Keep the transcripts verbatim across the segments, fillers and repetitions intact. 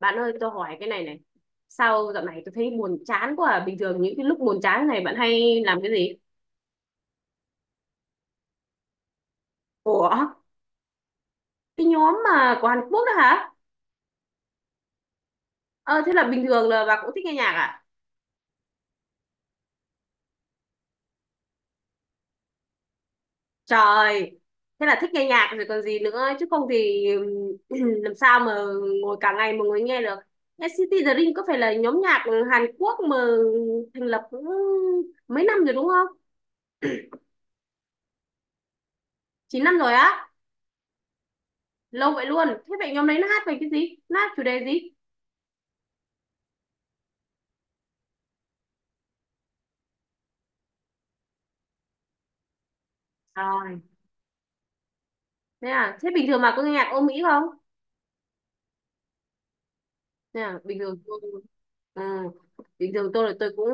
Bạn ơi, tôi hỏi cái này này. Sao dạo này tôi thấy buồn chán quá à? Bình thường những cái lúc buồn chán này bạn hay làm cái gì? Ủa, cái nhóm mà của Hàn Quốc đó hả? Ờ, thế là bình thường là bà cũng thích nghe nhạc à? Trời, thế là thích nghe nhạc rồi còn gì nữa. Chứ không thì ừm, làm sao mà ngồi cả ngày mà ngồi nghe được. en xê tê The Dream có phải là nhóm nhạc Hàn Quốc mà thành lập cũng mấy năm rồi đúng không? Chín năm rồi á? Lâu vậy luôn. Thế vậy nhóm đấy nó hát về cái gì? Nó hát chủ đề gì? Trời. Thế à, thế bình thường mà có nghe nhạc Âu Mỹ không? Thế à, bình thường tôi, à, bình thường tôi là tôi cũng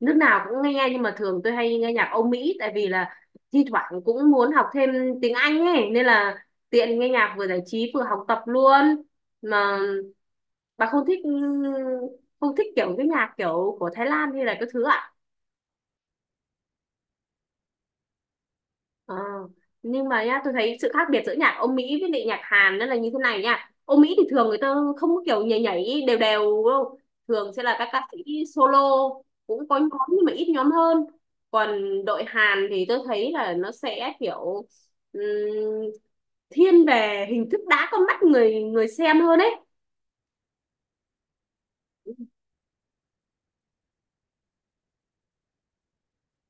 nước nào cũng nghe nhưng mà thường tôi hay nghe nhạc Âu Mỹ tại vì là thi thoảng cũng muốn học thêm tiếng Anh ấy nên là tiện nghe nhạc vừa giải trí vừa học tập luôn. Mà bà không thích ừ, không thích kiểu cái nhạc kiểu của Thái Lan hay là cái thứ ạ? Ờ, nhưng mà nhá tôi thấy sự khác biệt giữa nhạc Âu Mỹ với lại nhạc Hàn nó là như thế này nha. Âu Mỹ thì thường người ta không có kiểu nhảy nhảy đều đều đâu, thường sẽ là các ca sĩ solo, cũng có nhóm nhưng mà ít nhóm hơn. Còn đội Hàn thì tôi thấy là nó sẽ kiểu ừm, thiên về hình thức đã con mắt người người xem hơn ấy.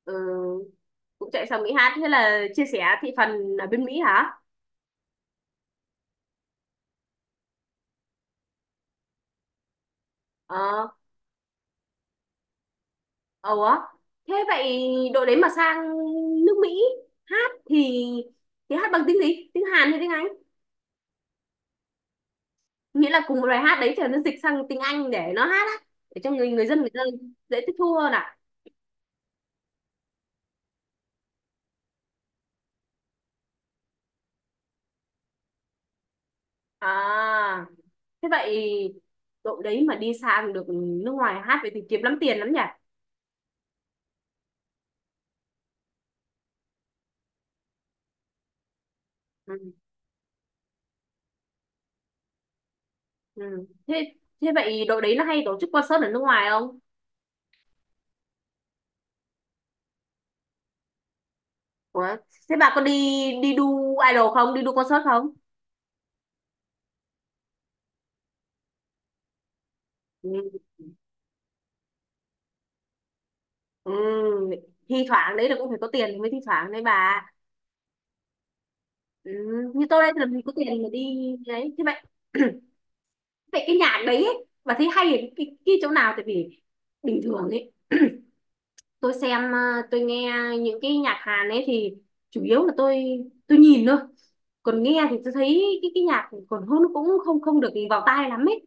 Ừ, cũng chạy sang Mỹ hát, thế là chia sẻ thị phần ở bên Mỹ hả? Ờ. Ủa, thế vậy đội đấy mà sang nước Mỹ hát thì thì hát bằng tiếng gì? Tiếng Hàn hay tiếng Anh? Nghĩa là cùng một bài hát đấy thì nó dịch sang tiếng Anh để nó hát á, để cho người người dân người ta dễ tiếp thu hơn ạ. À, thế vậy đội đấy mà đi sang được nước ngoài hát vậy thì kiếm lắm tiền lắm nhỉ? Ừ. Ừ. Thế thế vậy đội đấy nó hay tổ chức concert ở nước ngoài không? Ủa, thế bà có đi đi đu idol không? Đi đu concert không? Ừ. Ừ, thi thoảng đấy là cũng phải có tiền thì mới thi thoảng đấy bà. ừ, Như tôi đây thì làm gì có tiền mà đi. Đấy thế vậy vậy cái nhạc đấy ấy, bà thấy hay ở cái, cái chỗ nào tại vì bình thường ấy tôi xem ờ, tôi nghe những cái nhạc Hàn ấy thì chủ yếu là tôi tôi nhìn thôi, còn nghe thì tôi thấy cái cái nhạc còn hơn cũng không không được vào tai lắm ấy.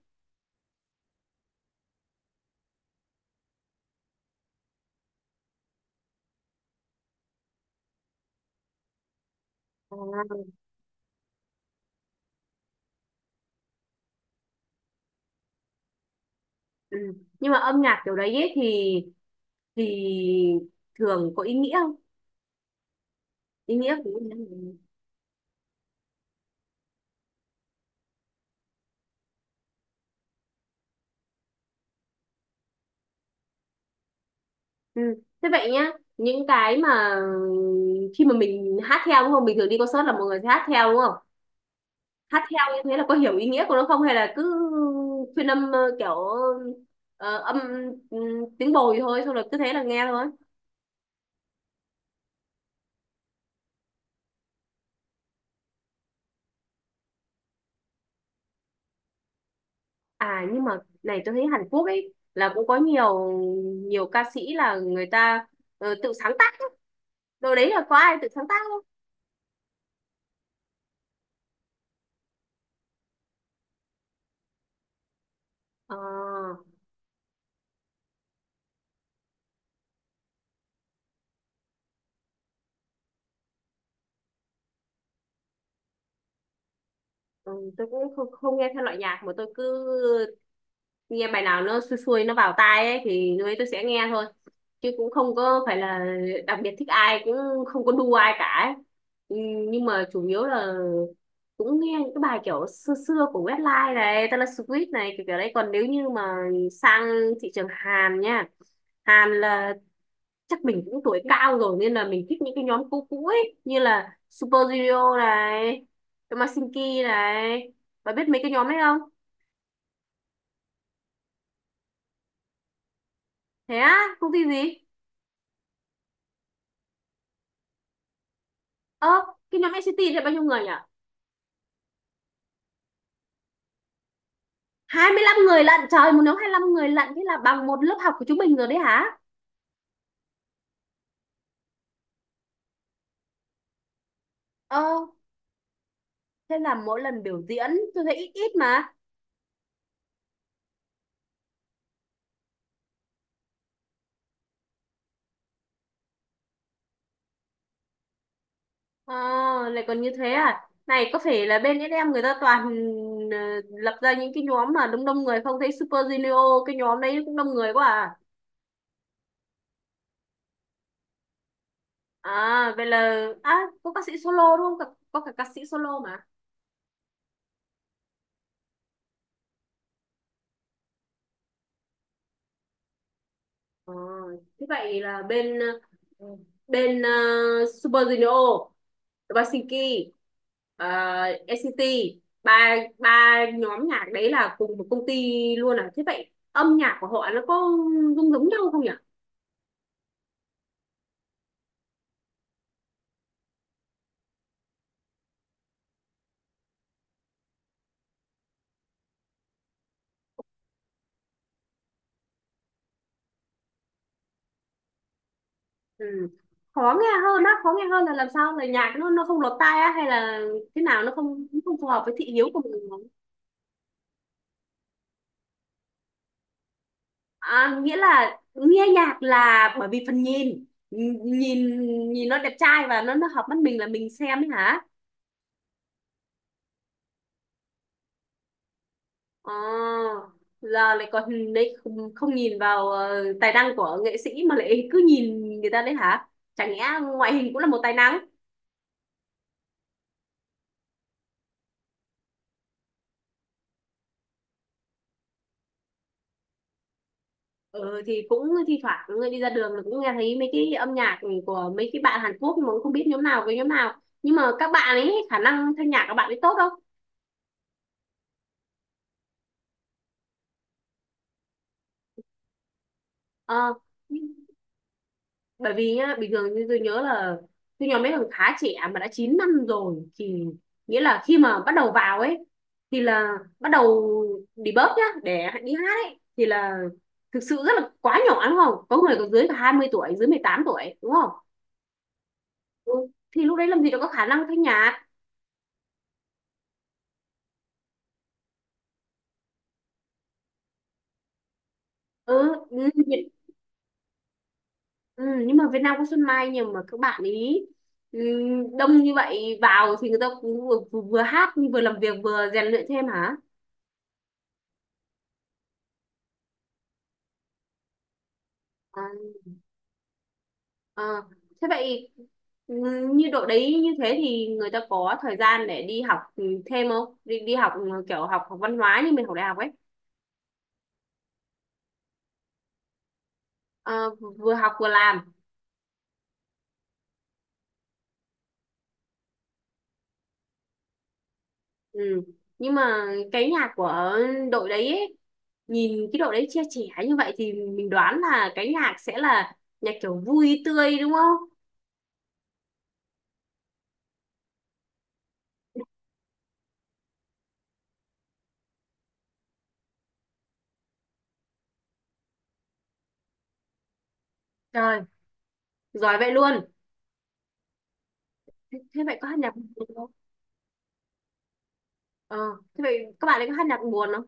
À, ừ. Nhưng mà âm nhạc kiểu đấy ấy thì thì thường có ý nghĩa không, ý nghĩa của nó là gì? Ừ. Thế vậy nhá, những cái mà khi mà mình hát theo đúng không? Bình thường đi concert là mọi người sẽ hát theo đúng không? Hát theo như thế là có hiểu ý nghĩa của nó không hay là cứ phiên âm ờ, kiểu ờ, âm ừ, tiếng bồi thôi xong rồi cứ thế là nghe thôi. À nhưng mà này tôi thấy Hàn Quốc ấy là cũng có nhiều nhiều ca sĩ là người ta ờ, tự sáng tác ấy. Đồ đấy là có ai tự sáng tác không? Ờ, ừ, tôi cũng không, không nghe theo loại nhạc mà tôi cứ nghe bài nào nó xuôi xuôi nó vào tai ấy thì lúc ấy tôi sẽ nghe thôi, chứ cũng không có phải là đặc biệt thích ai, cũng không có đu ai cả ấy. Ừ, nhưng mà chủ yếu là cũng nghe những cái bài kiểu xưa xưa của Westlife này, Taylor Swift này kiểu kiểu đấy. Còn nếu như mà sang thị trường Hàn nha, Hàn là chắc mình cũng tuổi cao rồi nên là mình thích những cái nhóm cũ cũ ấy như là Super Junior này, Masinki này, bà biết mấy cái nhóm ấy không? Thế á, công ty gì? Ơ, cái nhóm en xê tê là bao nhiêu người nhỉ? hai mươi lăm người lận, trời, một nhóm hai mươi lăm người lận, thế là bằng một lớp học của chúng mình rồi đấy hả? Ơ, thế là mỗi lần biểu diễn tôi thấy ít ít mà. Ờ, lại còn như thế à? Này, có phải là bên ét em người ta toàn ờ, lập ra những cái nhóm mà đông đông người không? Thấy Super Junior, cái nhóm đấy cũng đông người quá à? À, vậy là... À, có ca sĩ solo đúng không? Có, có cả ca sĩ solo mà. Ờ, thế vậy là bên ờ, bên ờ, Super Junior, Helsinki, ờ, en xê tê ba ba nhóm nhạc đấy là cùng một công ty luôn à? Thế vậy âm nhạc của họ nó có giống giống nhau không nhỉ? Ừ. Khó nghe hơn á, khó nghe hơn là làm sao, là nhạc nó nó không lọt tai á hay là thế nào, nó không không phù hợp với thị hiếu của mình? À, nghĩa là nghe nhạc là bởi vì phần nhìn, nhìn nhìn nó đẹp trai và nó nó hợp mắt mình là mình xem ấy hả? Ờ, giờ lại còn đấy không, không nhìn vào ờ, tài năng của nghệ sĩ mà lại cứ nhìn người ta đấy hả? Chẳng nhẽ ngoại hình cũng là một tài năng? Ừ, thì cũng thi thoảng người đi ra đường là cũng nghe thấy mấy cái âm nhạc của mấy cái bạn Hàn Quốc mà cũng không biết nhóm nào với nhóm nào, nhưng mà các bạn ấy khả năng thanh nhạc các bạn ấy tốt đâu. Ờ, bởi vì nhá bình thường như tôi nhớ là tôi nhóm mấy thằng khá trẻ mà đã chín năm rồi thì nghĩa là khi mà bắt đầu vào ấy thì là bắt đầu debug nhá để đi hát ấy thì là thực sự rất là quá nhỏ đúng không, có người còn dưới cả hai mươi tuổi, dưới mười tám tuổi đúng không? Ừ. Thì lúc đấy làm gì đâu có khả năng thanh nhạc. ừ, ừ, Việt- ừ, nhưng mà Việt Nam có Xuân Mai nhưng mà các bạn ý ừ, đông như vậy vào thì người ta cũng vừa, vừa hát vừa làm việc vừa rèn luyện thêm hả? À. Ờ, thế vậy ừ, như độ đấy như thế thì người ta có thời gian để đi học ừ, thêm không? Đi Đi học ừ, kiểu học học văn hóa như mình học đại học ấy. Ờ, vừa học vừa làm. Ừ. Nhưng mà cái nhà của đội đấy ấy, nhìn cái đội đấy chia trẻ như vậy thì mình đoán là cái nhạc sẽ là nhạc kiểu vui tươi đúng không? Trời, giỏi vậy luôn. Thế, thế vậy có hát nhạc buồn không? Ờ, thế vậy các bạn ấy có hát nhạc buồn không?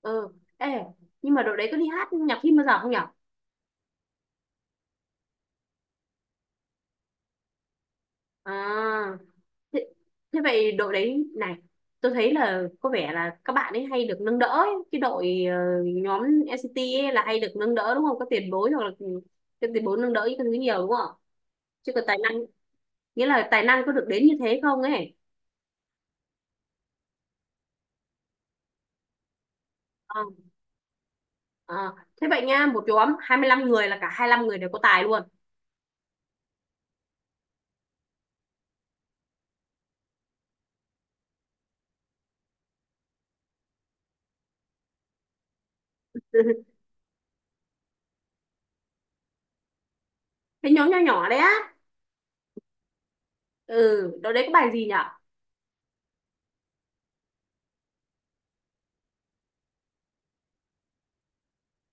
Ờ, ê, nhưng mà đội đấy có đi hát nhạc phim bao giờ không nhở? À. Thế Thế vậy đội đấy này, tôi thấy là có vẻ là các bạn ấy hay được nâng đỡ ấy. Cái đội ờ, nhóm en xê tê ấy là hay được nâng đỡ đúng không, có tiền bối hoặc là cái tiền bối nâng đỡ cái thứ nhiều đúng không, chứ còn tài năng nghĩa là tài năng có được đến như thế không ấy? Ờ, ờ. Thế vậy nha một nhóm hai mươi lăm người là cả hai mươi lăm người đều có tài luôn? Cái nhóm nhỏ nhỏ đấy á. Ừ đội đấy có bài gì nhở?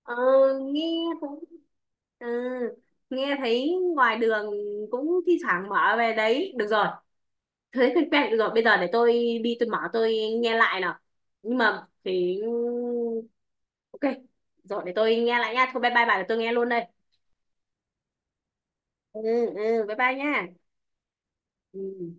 Ờ, nghe cũng ừ, nghe thấy ngoài đường cũng thi thoảng mở về đấy được rồi, thế thì quen rồi. Bây giờ để tôi đi, tôi mở tôi nghe lại nào. Nhưng mà thì Ok rồi để tôi nghe lại nha. Thôi bye bye bà, để tôi nghe luôn đây. Ừ. Ừ bye bye nha. Ừ.